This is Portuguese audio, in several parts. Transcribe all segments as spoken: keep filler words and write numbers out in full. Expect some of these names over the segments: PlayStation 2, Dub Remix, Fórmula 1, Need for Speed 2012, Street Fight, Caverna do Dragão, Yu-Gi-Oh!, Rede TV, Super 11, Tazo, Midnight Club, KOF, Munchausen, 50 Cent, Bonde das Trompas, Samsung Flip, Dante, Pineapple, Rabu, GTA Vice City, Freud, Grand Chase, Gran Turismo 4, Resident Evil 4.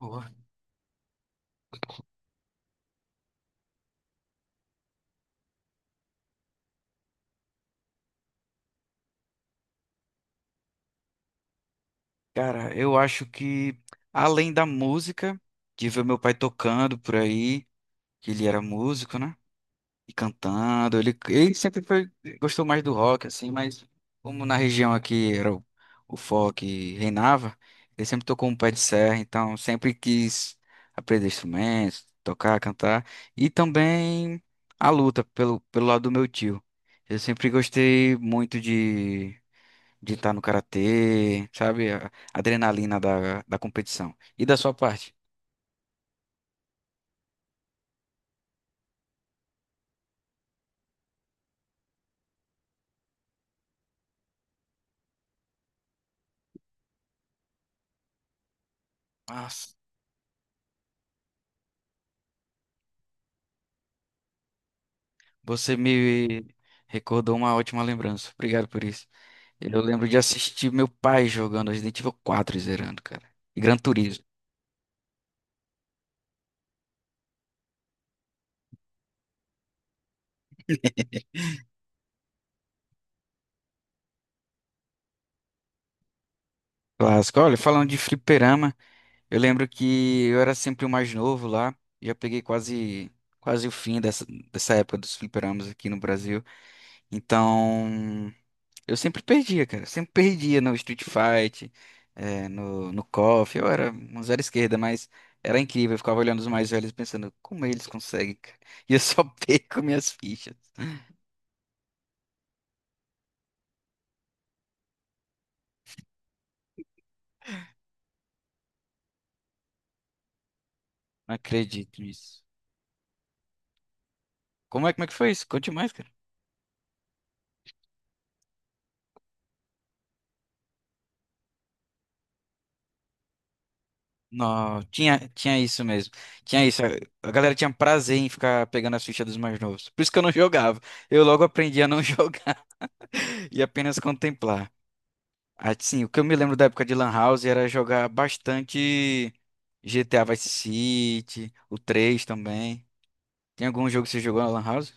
Boa. Cara, eu acho que além da música, de ver meu pai tocando por aí, que ele era músico, né? E cantando, ele, ele sempre foi- gostou mais do rock, assim, mas como na região aqui era o, o folk reinava, ele sempre tocou um pé de serra, então sempre quis aprender instrumentos, tocar, cantar, e também a luta pelo, pelo lado do meu tio. Eu sempre gostei muito de estar no karatê, sabe? A a adrenalina da, da competição. E da sua parte? Nossa, você me recordou uma ótima lembrança. Obrigado por isso. Eu lembro de assistir meu pai jogando Resident Evil quatro e zerando, cara. E Gran Turismo. Clássico. Olha, falando de fliperama, eu lembro que eu era sempre o mais novo lá. Já peguei quase, quase o fim dessa, dessa época dos fliperamas aqui no Brasil. Então. Eu sempre perdia, cara. Sempre perdia no Street Fight, eh, no, no kof. Eu era um zero esquerda, mas era incrível. Eu ficava olhando os mais velhos e pensando, como eles conseguem, cara? E eu só perco minhas fichas. Não acredito nisso. Como é, como é que foi isso? Conte mais, cara. Não, tinha, tinha isso mesmo. Tinha isso. A a galera tinha prazer em ficar pegando as fichas dos mais novos. Por isso que eu não jogava. Eu logo aprendi a não jogar e apenas contemplar. Assim, o que eu me lembro da época de Lan House era jogar bastante G T A Vice City, o três também. Tem algum jogo que você jogou na Lan House?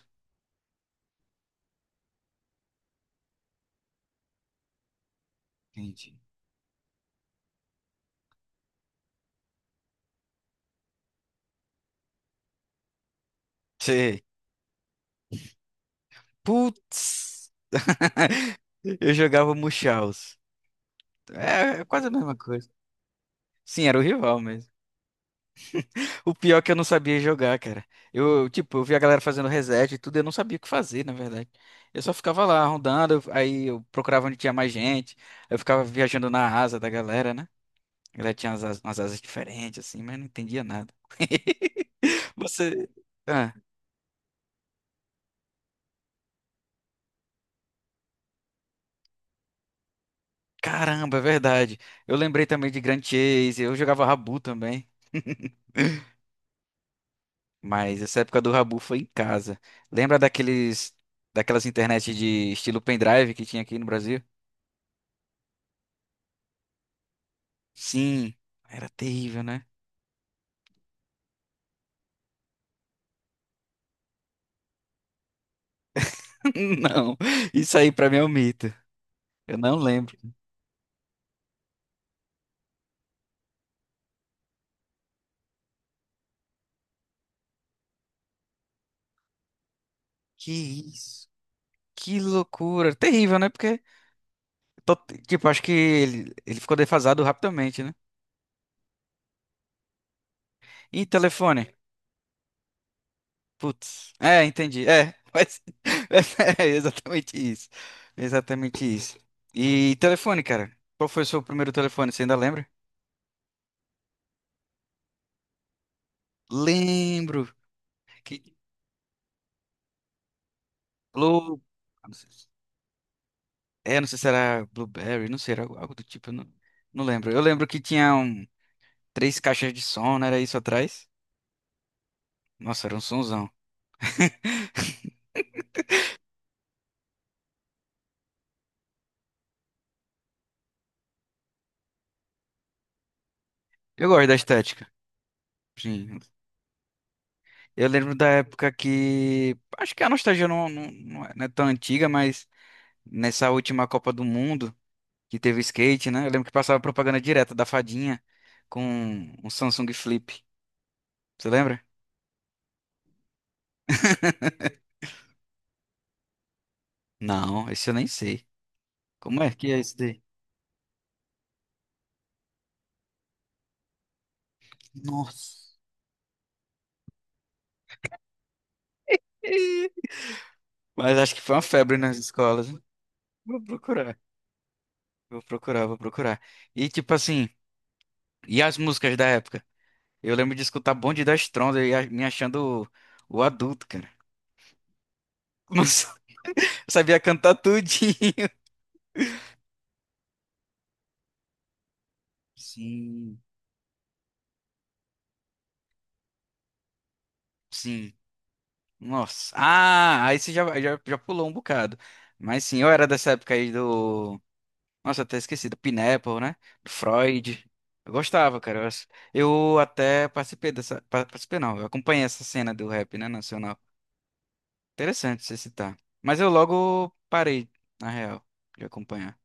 Entendi. Sei. Putz! Eu jogava Munchausen. É, é quase a mesma coisa. Sim, era o rival mesmo. O pior é que eu não sabia jogar, cara. Eu, tipo, eu via a galera fazendo reset e tudo, eu não sabia o que fazer, na verdade. Eu só ficava lá rondando, aí eu procurava onde tinha mais gente. Eu ficava viajando na asa da galera, né? Ela tinha umas, as- umas asas diferentes, assim, mas não entendia nada. Você. Ah, caramba, é verdade. Eu lembrei também de Grand Chase. Eu jogava Rabu também. Mas essa época do Rabu foi em casa. Lembra daqueles. Daquelas internet de estilo pendrive que tinha aqui no Brasil? Sim, era terrível, né? Não, isso aí pra mim é um mito. Eu não lembro. Que isso? Que loucura. Terrível, né? Porque, to- tipo, acho que ele, ele ficou defasado rapidamente, né? E telefone? Putz. É, entendi. É, mas é exatamente isso. Exatamente isso. E telefone, cara? Qual foi o seu primeiro telefone? Você ainda lembra? Lembro. Que Blue. Não sei se- É, não sei se era Blueberry, não sei, era algo algo do tipo, eu não, não lembro. Eu lembro que tinha um, três caixas de som, não era isso atrás? Nossa, era um sonzão. Eu gosto da estética. Sim. Eu lembro da época que. Acho que a nostalgia não, não, não é não é tão antiga, mas. Nessa última Copa do Mundo que teve o skate, né? Eu lembro que passava propaganda direta da fadinha com um Samsung Flip. Você lembra? Não, esse eu nem sei. Como é que é esse daí? Nossa. Mas acho que foi uma febre nas escolas, hein? Vou procurar, vou procurar, vou procurar. E tipo assim, e as músicas da época? Eu lembro de escutar Bonde das Trompas e a- me achando o, o adulto, cara. Nossa, eu sabia cantar tudinho. Sim, sim. Nossa. Ah, aí você já, já, já pulou um bocado. Mas sim, eu era dessa época aí do. Nossa, até esqueci, do Pineapple, né? Do Freud. Eu gostava, cara. Eu, ass- eu até participei dessa. pa- Participei não, eu acompanhei essa cena do rap, né, nacional. Interessante você citar. Mas eu logo parei, na real, de acompanhar.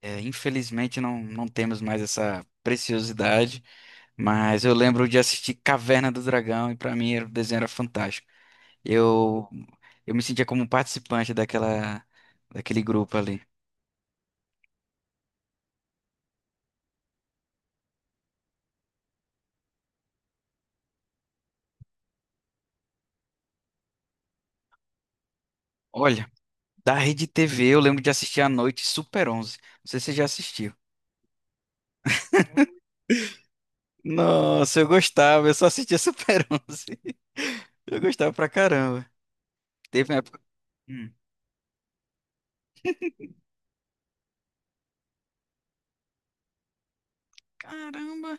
É, infelizmente não, não temos mais essa preciosidade, mas eu lembro de assistir Caverna do Dragão e pra mim era- o desenho era fantástico. Eu, eu me sentia como um participante daquela, daquele grupo ali. Olha, da Rede T V eu lembro de assistir à noite Super onze. Não sei se você já assistiu. Nossa, eu gostava, eu só assistia Super onze. Eu gostava pra caramba. Teve uma época. Hum. Caramba!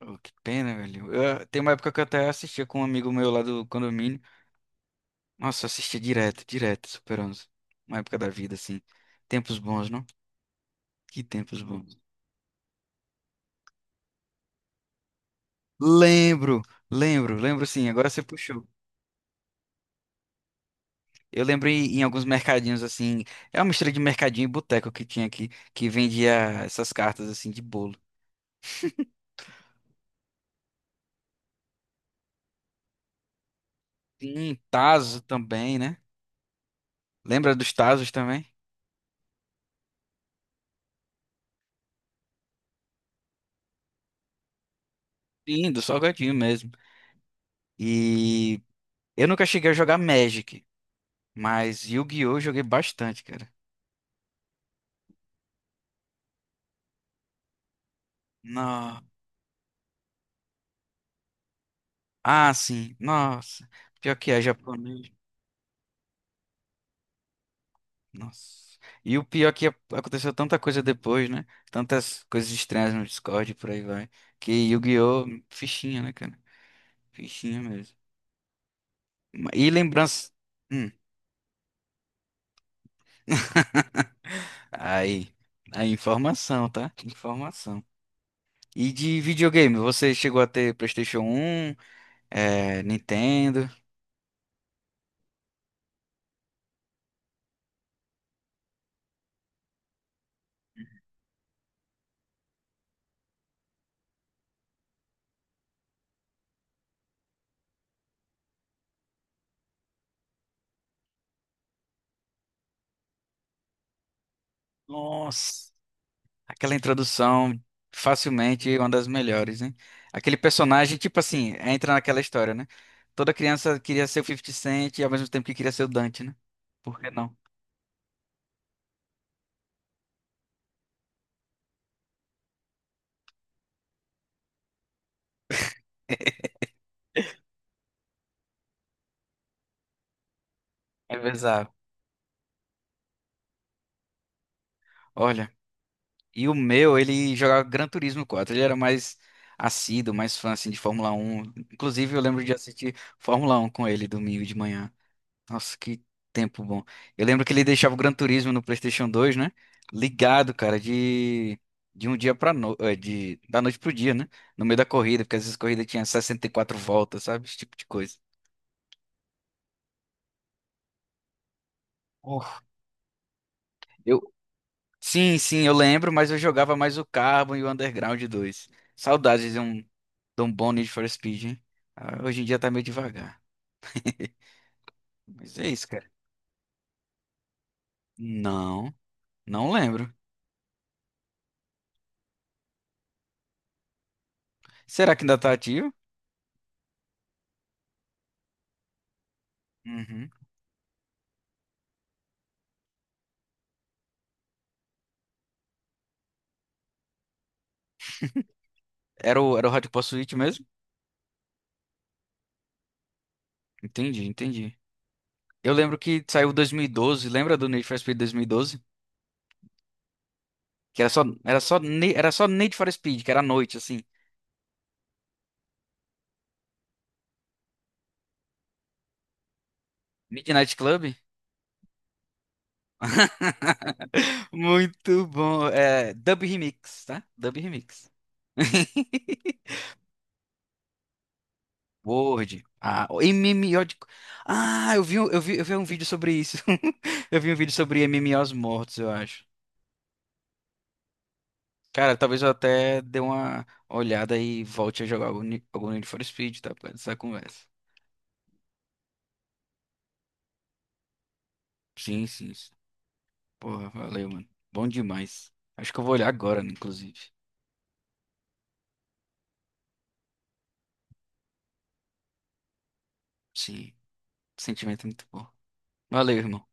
Oh, que pena, velho. Eu- tem uma época que eu até assistia com um amigo meu lá do condomínio. Nossa, eu assistia direto, direto, Super onze. Uma época da vida, assim. Tempos bons, não? Que tempos bons. Lembro, lembro, lembro sim, agora você puxou. Eu lembrei em em alguns mercadinhos assim, é uma mistura de mercadinho e boteco que tinha aqui, que vendia essas cartas assim de bolo. Sim, Tazo também, né? Lembra dos Tazos também? Sim, do salgadinho mesmo. E eu nunca cheguei a jogar Magic, mas Yu-Gi-Oh! Eu joguei bastante, cara. Não. Ah, sim, nossa. Pior que é japonês. Nossa. E o pior é que aconteceu tanta coisa depois, né? Tantas coisas estranhas no Discord e por aí vai. Que Yu-Gi-Oh! Fichinha, né, cara? Fichinha mesmo. E lembrança. Hum. Aí. Aí, informação, tá? Informação. E de videogame, você chegou a ter PlayStation um é, Nintendo? Nossa. Aquela introdução, facilmente uma das melhores, né? Aquele personagem, tipo assim, entra naquela história, né? Toda criança queria ser o fifty Cent e ao mesmo tempo que queria ser o Dante, né? Por que não? É bizarro. Olha, e o meu, ele jogava Gran Turismo quatro. Ele era mais assíduo, mais fã, assim, de Fórmula um. Inclusive, eu lembro de assistir Fórmula um com ele domingo de manhã. Nossa, que tempo bom. Eu lembro que ele deixava o Gran Turismo no PlayStation dois, né? Ligado, cara, de, de um dia pra no... eh, de da noite pro dia, né? No meio da corrida, porque às vezes a corrida tinha sessenta e quatro voltas, sabe? Esse tipo de coisa. Oh, Eu Sim, sim, eu lembro, mas eu jogava mais o Carbon e o Underground dois. Saudades de um, de um bom Need for Speed, hein? Ah, hoje em dia tá meio devagar. Mas é isso, cara. Não, não lembro. Será que ainda tá ativo? Uhum. Era o, era o Hot Pursuit mesmo? Entendi, entendi. Eu lembro que saiu dois mil e doze, lembra do Need for Speed dois mil e doze? Que era só, era só, Ne- era só Need for Speed, que era à noite, assim. Midnight Club? Muito bom. É, Dub Remix, tá? Dub Remix. Word. Ah, o M M O de... Ah, eu vi, um- eu vi, eu vi um vídeo sobre isso. Eu vi um vídeo sobre M M MMOs mortos, eu acho. Cara, talvez eu até dê uma olhada e volte a jogar algum, Ni- algum Need for Speed, tá? Por causa dessa conversa. Sim, sim. Porra, valeu, mano. Bom demais. Acho que eu vou olhar agora, né, inclusive. Sim, sentimento é muito bom. Valeu, irmão.